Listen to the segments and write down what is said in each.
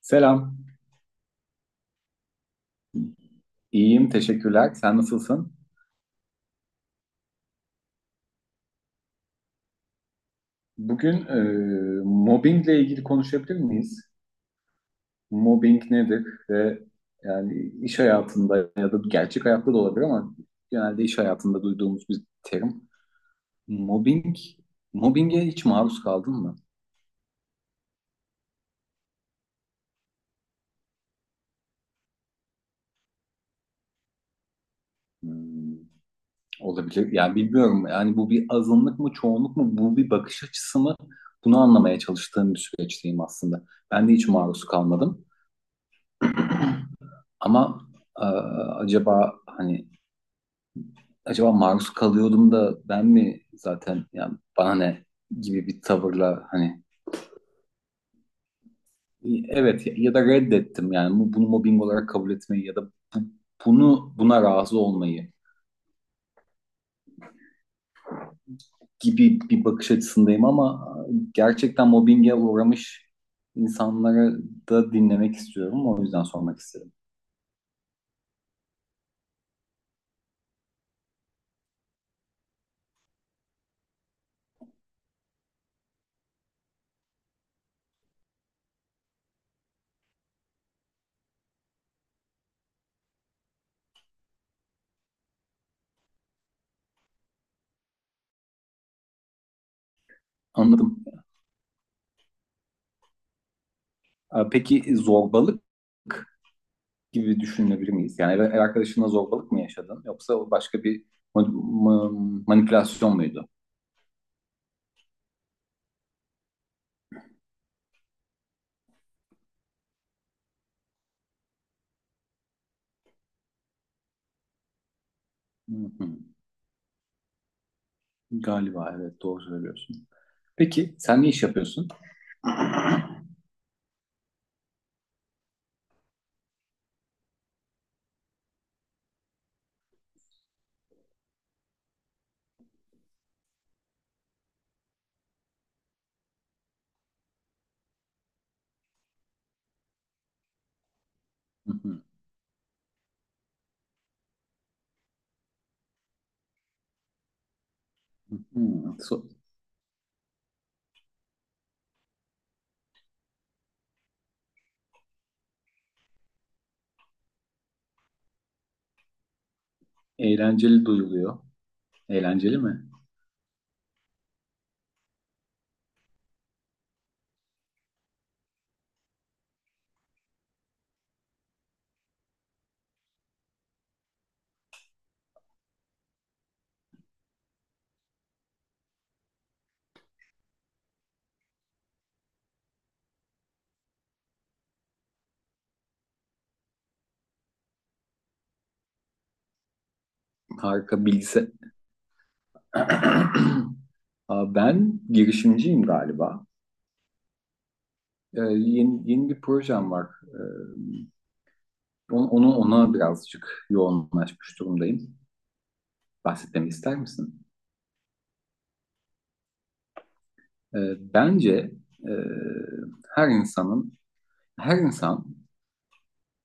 Selam. İyiyim, teşekkürler. Sen nasılsın? Bugün mobbingle ilgili konuşabilir miyiz? Mobbing nedir ve yani iş hayatında ya da gerçek hayatta da olabilir ama genelde iş hayatında duyduğumuz bir terim. Mobbing, mobbinge hiç maruz kaldın mı? Hmm, olabilir. Yani bilmiyorum. Yani bu bir azınlık mı, çoğunluk mu? Bu bir bakış açısı mı? Bunu anlamaya çalıştığım bir süreçteyim aslında. Ben de hiç maruz kalmadım. Ama e, acaba hani acaba maruz kalıyordum da ben mi zaten yani bana ne gibi bir tavırla hani evet ya, ya da reddettim yani bunu mobbing olarak kabul etmeyi ya da bu- bunu buna razı olmayı gibi bir bakış açısındayım ama gerçekten mobbinge uğramış insanları da dinlemek istiyorum o yüzden sormak istedim. Anladım. Peki zorbalık gibi düşünebilir miyiz? Yani ev arkadaşınla zorbalık mı yaşadın yoksa başka bir manipülasyon muydu? Hı hı. Galiba evet doğru söylüyorsun. Peki sen ne iş yapıyorsun? Hı hı. Hı. So- Eğlenceli duyuluyor. Eğlenceli mi? Harika bilgisayar. Aa, ben girişimciyim galiba. Yeni bir projem var. Onu ona birazcık yoğunlaşmış durumdayım. Bahsetmemi ister misin? Bence e, her insanın her insan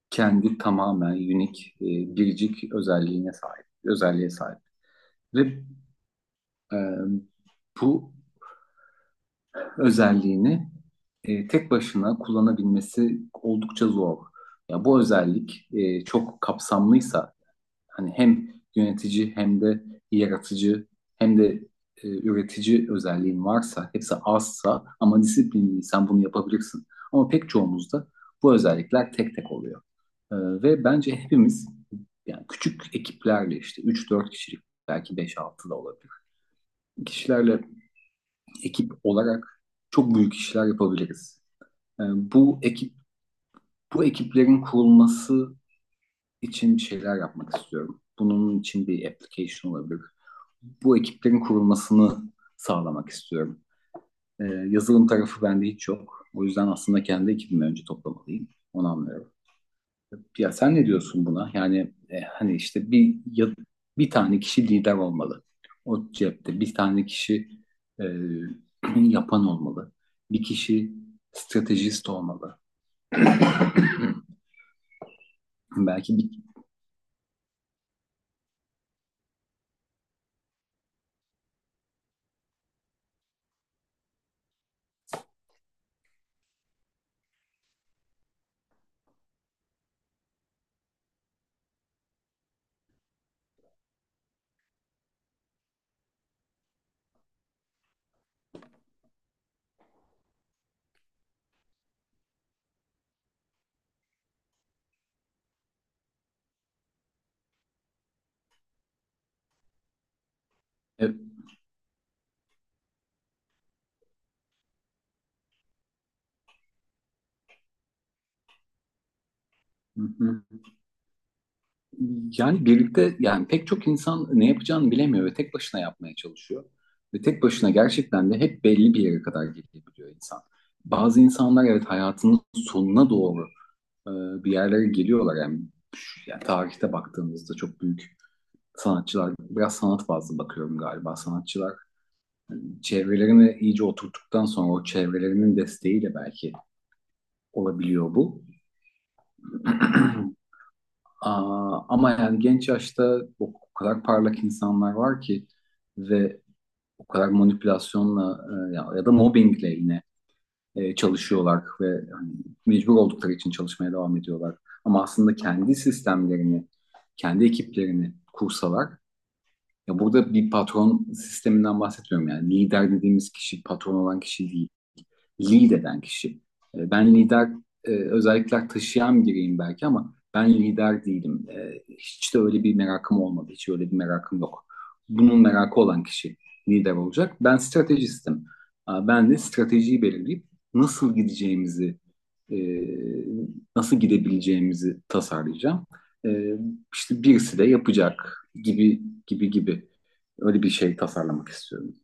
kendi tamamen biricik özelliğine özelliğe sahip. Ve e, bu özelliğini tek başına kullanabilmesi oldukça zor. Ya bu özellik çok kapsamlıysa hani hem yönetici hem de yaratıcı hem de üretici özelliğin varsa, hepsi azsa ama disiplinliysen bunu yapabilirsin. Ama pek çoğumuzda bu özellikler tek tek oluyor. Ve bence hepimiz yani küçük ekiplerle işte üç dört kişilik belki beş altı da olabilir. Kişilerle ekip olarak çok büyük işler yapabiliriz. E, bu ekiplerin kurulması için bir şeyler yapmak istiyorum. Bunun için bir application olabilir, bu ekiplerin kurulmasını sağlamak istiyorum. Yazılım tarafı bende hiç yok. O yüzden aslında kendi ekibimi önce toplamalıyım. Onu anlıyorum. Ya sen ne diyorsun buna? Yani hani işte bir tane kişi lider olmalı. O cepte bir tane kişi e, yapan olmalı. Bir kişi stratejist olmalı. Belki bir, e, hı hı. Yani birlikte yani pek çok insan ne yapacağını bilemiyor ve tek başına yapmaya çalışıyor. Ve tek başına gerçekten de hep belli bir yere kadar gelebiliyor insan. Bazı insanlar evet hayatının sonuna doğru e, bir yerlere geliyorlar. Yani, yani tarihte baktığımızda çok büyük sanatçılar, biraz sanat fazla bakıyorum galiba. Sanatçılar çevrelerini iyice oturttuktan sonra o çevrelerinin desteğiyle belki olabiliyor bu. Aa, ama yani genç yaşta o kadar parlak insanlar var ki ve o kadar manipülasyonla ya da mobbingle yine çalışıyorlar ve hani, mecbur oldukları için çalışmaya devam ediyorlar. Ama aslında kendi sistemlerini, kendi ekiplerini kursalar, ya burada bir patron sisteminden bahsetmiyorum yani. Lider dediğimiz kişi patron olan kişi değil. Lead eden kişi. Ben lider özellikler taşıyan biriyim belki ama ben lider değilim. Hiç de öyle bir merakım olmadı. Hiç öyle bir merakım yok. Bunun merakı olan kişi lider olacak. Ben stratejistim. Aa, ben de stratejiyi belirleyip nasıl gideceğimizi, e, nasıl gidebileceğimizi tasarlayacağım. E, işte birisi de yapacak gibi gibi gibi. Öyle bir şey tasarlamak istiyorum.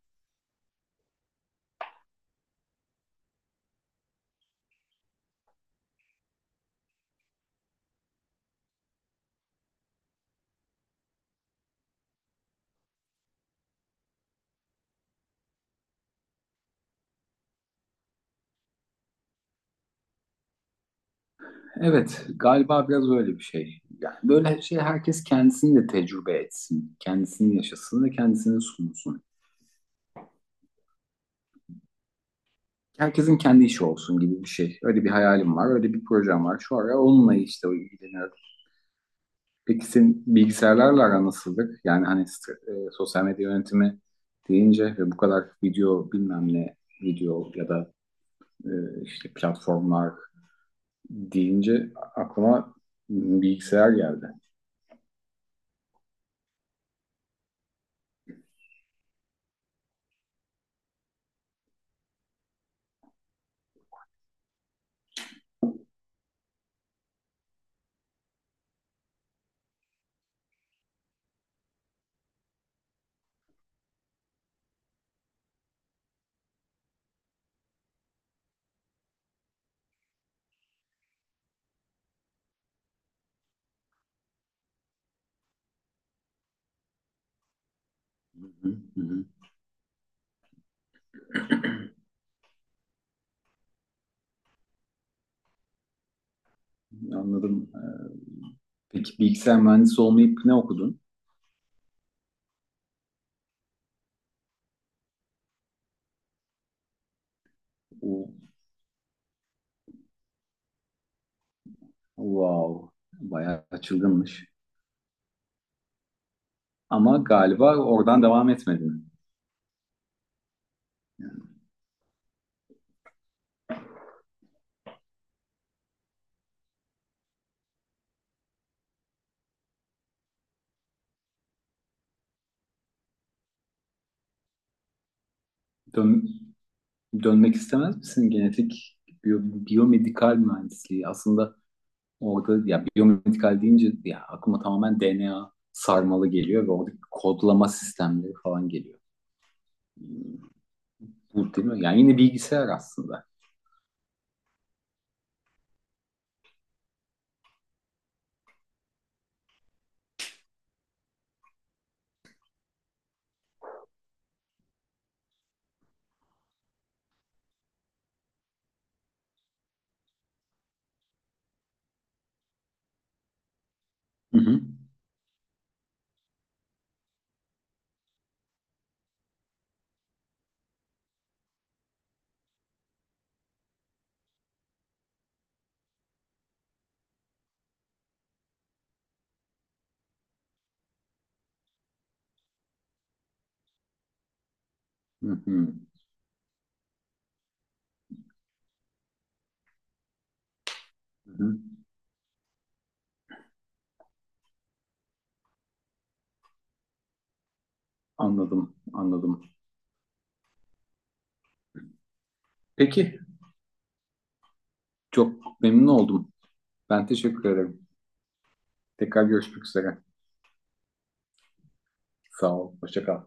Evet, galiba biraz öyle bir şey. Yani böyle şey herkes kendisini de tecrübe etsin. Kendisini yaşasın ve kendisini sunsun. Herkesin kendi işi olsun gibi bir şey. Öyle bir hayalim var, öyle bir projem var. Şu ara onunla işte o ilgileniyorum. Peki senin bilgisayarlarla aran nasıldır? Yani hani sosyal medya yönetimi deyince ve bu kadar video bilmem ne video ya da e, işte platformlar deyince aklıma bilgisayar geldi. Hı hı, hı hı. Anladım. Peki bilgisayar mühendisi olmayıp ne okudun? O- Wow. Bayağı çılgınmış. Ama galiba oradan devam etmedin. Dön- dönmek istemez misin? Genetik biyomedikal mühendisliği. Aslında orada ya biyomedikal deyince ya aklıma tamamen DNA sarmalı geliyor ve orada kodlama sistemleri falan geliyor. Bu değil mi? Yani yine bilgisayar aslında. Hı hı. Hı hı. Hı hı. Anladım, anladım. Peki, çok memnun oldum. Ben teşekkür ederim. Tekrar görüşmek üzere. Sağ ol, hoşça kal.